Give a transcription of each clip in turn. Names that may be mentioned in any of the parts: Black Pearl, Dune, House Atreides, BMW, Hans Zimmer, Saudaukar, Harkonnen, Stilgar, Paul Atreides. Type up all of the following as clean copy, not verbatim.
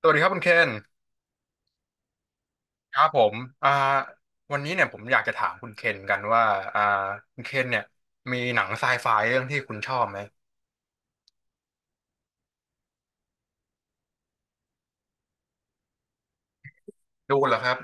สวัสดีครับคุณเคนครับผมอ่าวันนี้เนี่ยผมอยากจะถามคุณเคนกันว่าอ่าคุณเคนเนี่ยมีหนังไซไฟเรื่องที่คุณชอบไหมดูเหรอครับ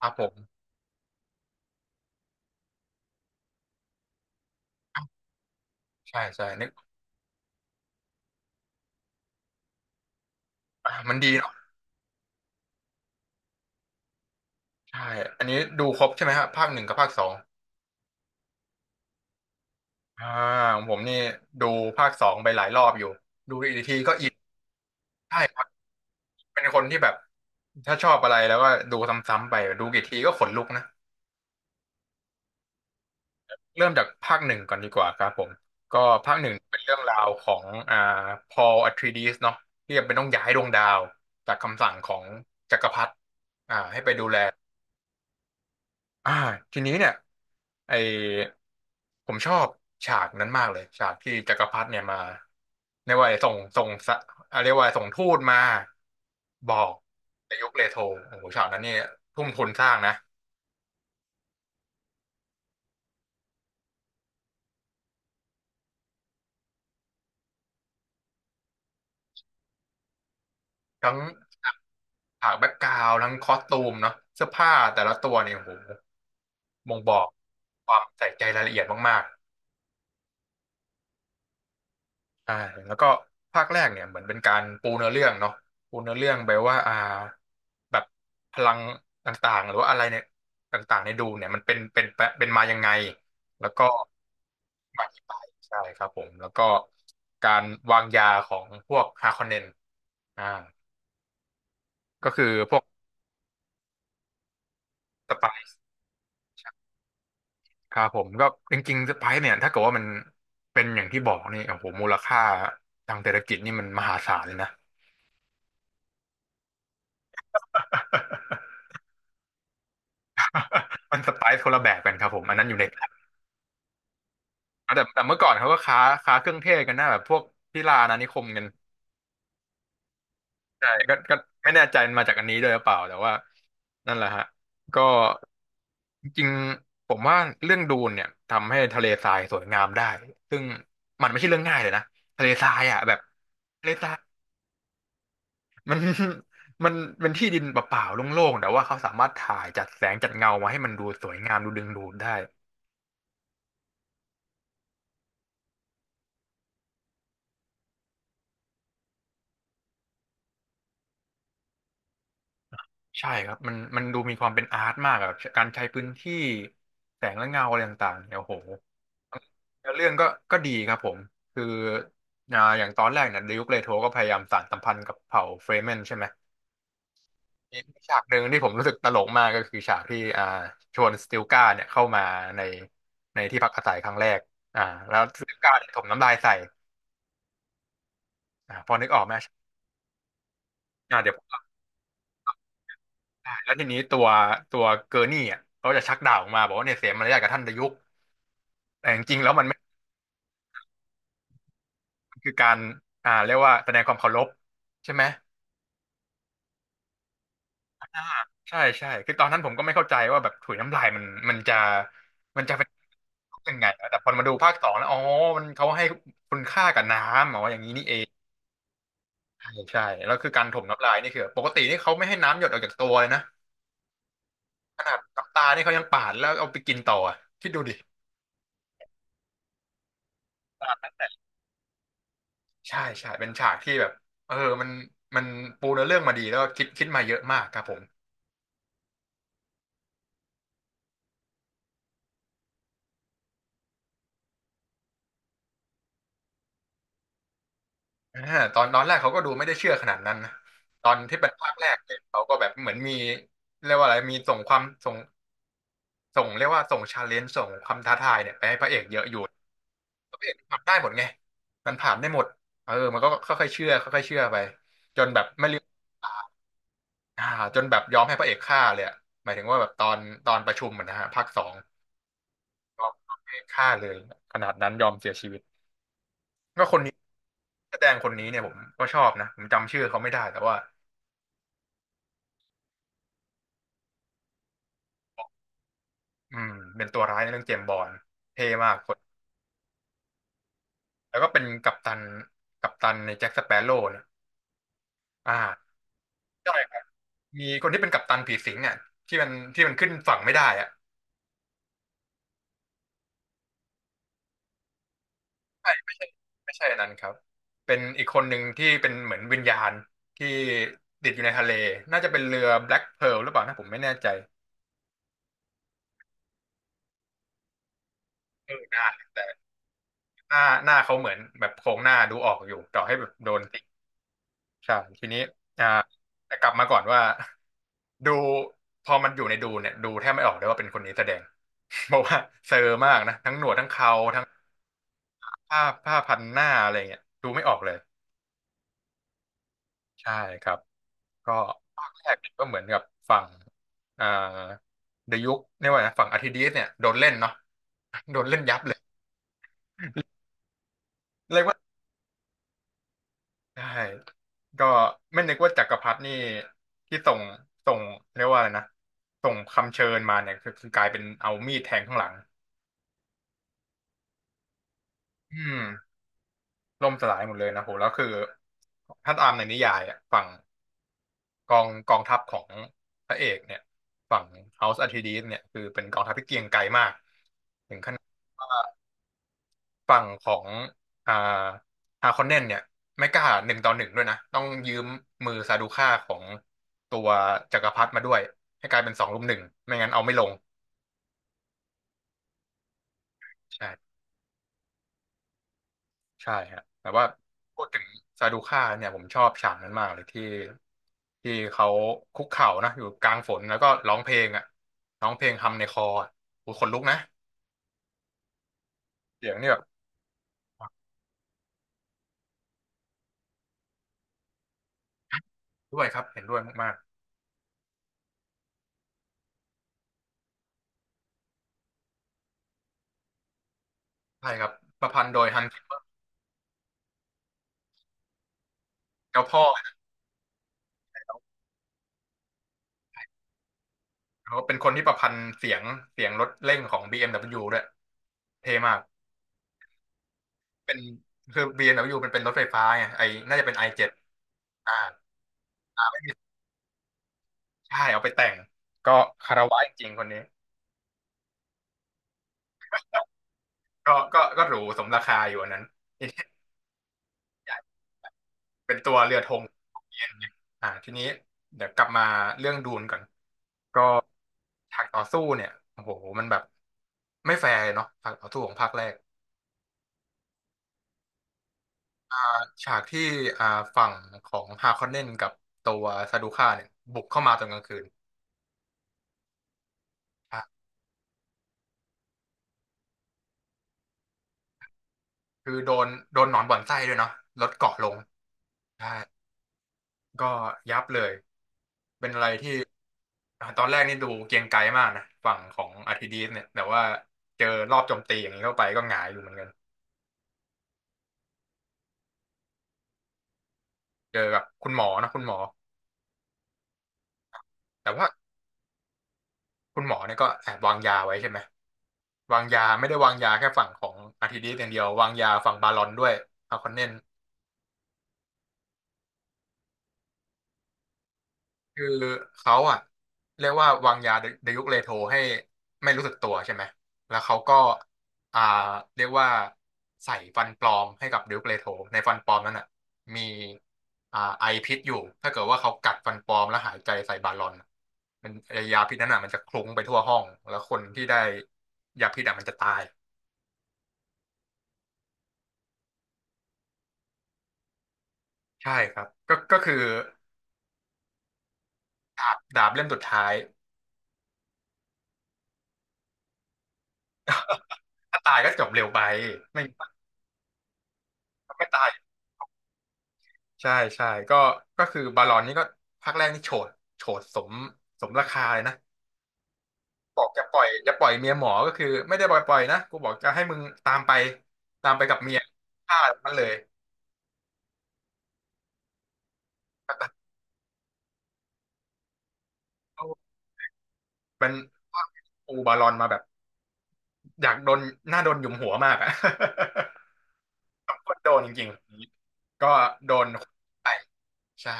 ครับผมใช่ใช่นึกมันดีเนาะใช่อันนี้ดูครบใช่ไหมครับภาคหนึ่งกับภาคสองอ่าของผมนี่ดูภาคสองไปหลายรอบอยู่ดูอีกทีก็อินใช่ครับเป็นคนที่แบบถ้าชอบอะไรแล้วก็ดูซ้ำๆไปดูกี่ทีก็ขนลุกนะ เริ่มจากภาคหนึ่งก่อนดีกว่าครับผมก็ภาคหนึ่งเป็นเรื่องราวของพอลอะทรีดิสเนาะที่จำเป็นต้องย้ายดวงดาวจากคำสั่งของจักรพรรดิให้ไปดูแลอ่าทีนี้เนี่ยไอผมชอบฉากนั้นมากเลยฉากที่จักรพรรดิเนี่ยมาเรียกว่าส่งสะเรียกว่าส่งทูตมาบอกในยุคเลโทโอ้โหฉากนั้นเนี่ยทุ่มทุนสร้างนะ ทั้งฉากแบ็กกราวด์ทั้งคอสตูมเนาะเสื้อผ้าแต่ละตัวเนี่ยโอ้โหบ่งบอกความใส่ใจรายละเอียดมากๆใช่แล้วก็ภาคแรกเนี่ยเหมือนเป็นการปูเนื้อเรื่องเนาะปูเนื้อเรื่องไปว่าแบบพลังต่างๆหรือว่าอะไรเนี่ยต่างๆในดูเนี่ยมันเป็นมายังไงแล้วก็มาที่ไปใช่ครับผมแล้วก็การวางยาของพวกฮาคอนเนนอ่าก็คือพวกสปาย ครับผมก็จริงๆรไพร์เนี่ยถ้าเกิดว่ามันเป็นอย่างที่บอกนี่โอ้โหมูลค่าทางเศรษฐกิจนี่มันมหาศาลเลยนะมันสไปซ์คนละแบบกันครับผมอันนั้นอยู่ในแต่แต่เมื่อก่อนเขาก็ค้าเครื่องเทศกันหน้าแบบพวกที่ลาอาณานิคมกันใช่ก็ก็ไม่แน่ใจมันมาจากอันนี้ด้วยหรือเปล่าแต่ว่านั่นแหละฮะก็จริงๆผมว่าเรื่องดูนเนี่ยทำให้ทะเลทรายสวยงามได้ซึ่งมันไม่ใช่เรื่องง่ายเลยนะทะเลทรายอ่ะแบบทะเลทราย มัน มันเป็นที่ดินเปล่าๆโล่งๆแต่ว่าเขาสามารถถ่ายจัดแสงจัดเงามาให้มันดูสวยงามดูดึงดูดได้ใช่ครับมันมันดูมีความเป็นอาร์ตมากอะการใช้พื้นที่แสงและเงาอะไรต่างๆเนี่ยโอ้โหแล้วเรื่องก็ก็ดีครับผมคืออย่างตอนแรกเนี่ยดิวเลโทก็พยายามสานสัมพันธ์กับเผ่าเฟรเมนใช่ไหมมีฉากหนึ่งที่ผมรู้สึกตลกมากก็คือฉากที่ชวนสติลกาเนี่ยเข้ามาในในที่พักอาศัยครั้งแรกอ่าแล้วสติลกาเนี่ยถมน้ำลายใส่ พอนึกออกไหมเดี๋ยวผมแล้วทีนี้ตัวตัวเกอร์นี่อ่ะเขาจะชักดาบออกมาบอกว่าเนี่ยเสียมารยาทกับท่านดยุกแต่จริงๆแล้วมันไม่มันคือการเรียกว่าแสดงความเคารพใช่ไหมใช่ใช่คือตอนนั้นผมก็ไม่เข้าใจว่าแบบถุยน้ำลายมันมันจะมันจะเป็นยังไงแต่พอมาดูภาคสองแล้วอ๋อมันเขาให้คุณค่ากับน้ำอ๋ออย่างนี้นี่เองใช่ใช่แล้วคือการถมน้ำลายนี่คือปกตินี่เขาไม่ให้น้ำหยดออกจากตัวเลยนะขนาดน้ำตานี่เขายังปาดแล้วเอาไปกินต่ออะคิดดูดิ ใช่ใช่เป็นฉากที่แบบเออมันมันปูเนื้อเรื่องมาดีแล้วก็คิดมาเยอะมากครับผมอ่าตอนตอนแรกเขาก็ดูไม่ได้เชื่อขนาดนั้นนะตอนที่เป็นภาคแรกเนี่ยเขาก็แบบเหมือนมีเรียกว่าอะไรมีส่งเรียกว่าส่งชาเลนจ์ส่งความท้าทายเนี่ยไปให้พระเอกเยอะอยู่พระเอกทำได้หมดไงมันผ่านได้หมดเออมันก็ค่อยๆเชื่อค่อยๆเชื่อไปจนแบบไม่ลืมอ่าจนแบบยอมให้พระเอกฆ่าเลยอะหมายถึงว่าแบบตอนตอนประชุมอะนะฮะภาคสอง ยอมให้ฆ่าเลยขนาดนั้นยอมเสียชีวิตก็คนนี้แสดงคนนี้เนี่ยผมก็ชอบนะผมจำชื่อเขาไม่ได้แต่ว่าอืมเป็นตัวร้ายในเรื่องเจมส์บอนด์เท่มากคนแล้วก็เป็นกัปตันกัปตันในแจ็คสเปโร่เนะอ่าใช่ครับมีคนที่เป็นกัปตันผีสิงอ่ะที่มันที่มันขึ้นฝั่งไม่ได้อ่ะใช่ไม่ใช่ไม่ใช่อันนั้นครับเป็นอีกคนหนึ่งที่เป็นเหมือนวิญญาณที่ติดอยู่ในทะเลน่าจะเป็นเรือ Black Pearl หรือเปล่านะผมไม่แน่ใจเออนาน หน้าหน้าเขาเหมือนแบบโครงหน้าดูออกอยู่ต่อให้แบบโดนติใช่ทีนี้อ่าแต่กลับมาก่อนว่า ดูพอมันอยู่ในดูเนี่ยดูแทบไม่ออกเลยว่าเป็นคนนี้แสดง เพราะว่าเซอร์มากนะทั้งหนวดทั้งเขาทั้งผ้าพันหน้าอะไรเงี้ยดูไม่ออกเลยใช่ครับก็ภาคแรกเนี่ยก็เหมือนกับฝั่งอ่าเดยุคเนี่ยกว่านะฝั่งอาร์ทิดีสเนี่ยโดนเล่นเนาะ โดนเล่นยับเลยเรียกว่า ใช่ก็ไม่นึกว่าจักรพรรดินี่ที่ส่งเรียกว่าอะไรนะส่งคำเชิญมาเนี่ยคือกลายเป็นเอามีดแทงข้างหลังอืมล่มสลายหมดเลยนะโหแล้วคือถ้าตามในนิยายอ่ะฝั่งกองทัพของพระเอกเนี่ยฝั่ง House Atreides เนี่ยคือเป็นกองทัพที่เกรียงไกรมาก ฝั่งของอ่าฮาคอนเนนเนี่ยไม่กล้าหนึ่งต่อหนึ่งด้วยนะต้องยืมมือซาดูค่าของตัวจักรพรรดิมาด้วยให้กลายเป็นสองรุมหนึ่งไม่งั้นเอาไม่ลงใช่ใช่ฮะแต่ว่าพูดถึงซาดูค่าเนี่ยผมชอบฉากนั้นมากเลยที่เขาคุกเข่านะอยู่กลางฝนแล้วก็ร้องเพลงอ่ะร้องเพลงทำในคออ่ะโอ้ยขนลุกนะเสียงนี่แบบด้วยครับเห็นด้วยมากๆใช่ครับประพันธ์โดยฮันส์เจ้าพ่อ เขาเป็นคนที่ประพันธ์เสียงรถเร่งของ BMW ดบเบิลยูด้วยเท่มากเป็นคือ BMW มดับเบิลยูมันเป็นรถไฟฟ้าไงไอน่าจะเป็น i7 อเจ็ดอ่าใช่เอาไปแต่งก็คารวะจริงๆคนนี้ก็หรูสมราคาอยู่อันนั้นทีนี้เป็นตัวเรือธงของ BMW อมเนี่ยทีนี้เดี๋ยวกลับมาเรื่องดูนก่อนก็ฉากต่อสู้เนี่ยโอ้โหมันแบบไม่แฟร์เลยเนาะฉากต่อสู้ของภาคแรก ฉากที่อ่าฝั่งของฮาคอนเนนกับตัวซาดูค่าเนี่ยบุกเข้ามาตอนกลางคืนอ่ะคือโดนหนอนบ่อนไส้ด้วยเนาะรถเกาะลงใช่ก็ยับเลยเป็นอะไรที่อ่ะตอนแรกนี่ดูเกรียงไกรมากนะฝั่งของอาร์ทิดีสเนี่ยแต่ว่าเจอรอบโจมตีอย่างนี้เข้าไปก็หงายอยู่เหมือนกันเจอกับคุณหมอนะคุณหมอแต่ว่าคุณหมอเนี่ยก็แอบวางยาไว้ใช่ไหมวางยาไม่ได้วางยาแค่ฝั่งของอาร์ทิดีสอย่างเดียววางยาฝั่งบาลอนด้วยฮาคอนเนน คือเขาอ่ะเรียกว่าวางยาเดยุคเลโทให้ไม่รู้สึกตัวใช่ไหมแล้วเขาก็อ่าเรียกว่าใส่ฟันปลอมให้กับเดยุคเลโทในฟันปลอมนั้นอ่ะมีไอพิษอยู่ ถ้าเกิดว่าเขากัดฟันปลอมแล้วหายใจใส่บาลอนมันไอ้ยาพิษนั้นอ่ะมันจะคลุ้งไปทั่วห้องแล้วคนที่ได้ยาพิษอ่ะมันจะตายใช่ครับก็คือดาบเล่มสุดท้ายถ้าตายก็จบเร็วไปไม่ไม่ตาย ใช่ใช่ก็คือบาลอนนี่ก็ภาคแรกนี่โฉดโฉดสมราคาเลยนะบอกจะปล่อยเมียหมอก็คือไม่ได้ปล่อยปล่อยนะกูบอกจะให้มึงตามไปตามไปกับเมียฆ่ามันเลยก็ตัดเข้าเป็นปูบาลอนมาแบบอยากโดนหน้าโดนหยุมหัวมากอะ สมควรโดนจริงๆก็โดนไปใช่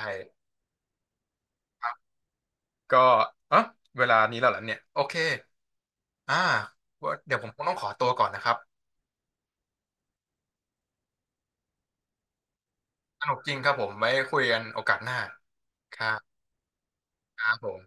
ครับก็เออเวลานี้แล้วเหรอเนี่ยโอเคอ่าเดี๋ยวผมคงต้องขอตัวก่อนนะครับ สนุกจริงครับผมไว้คุยกันโอกาสหน้าครับครับผม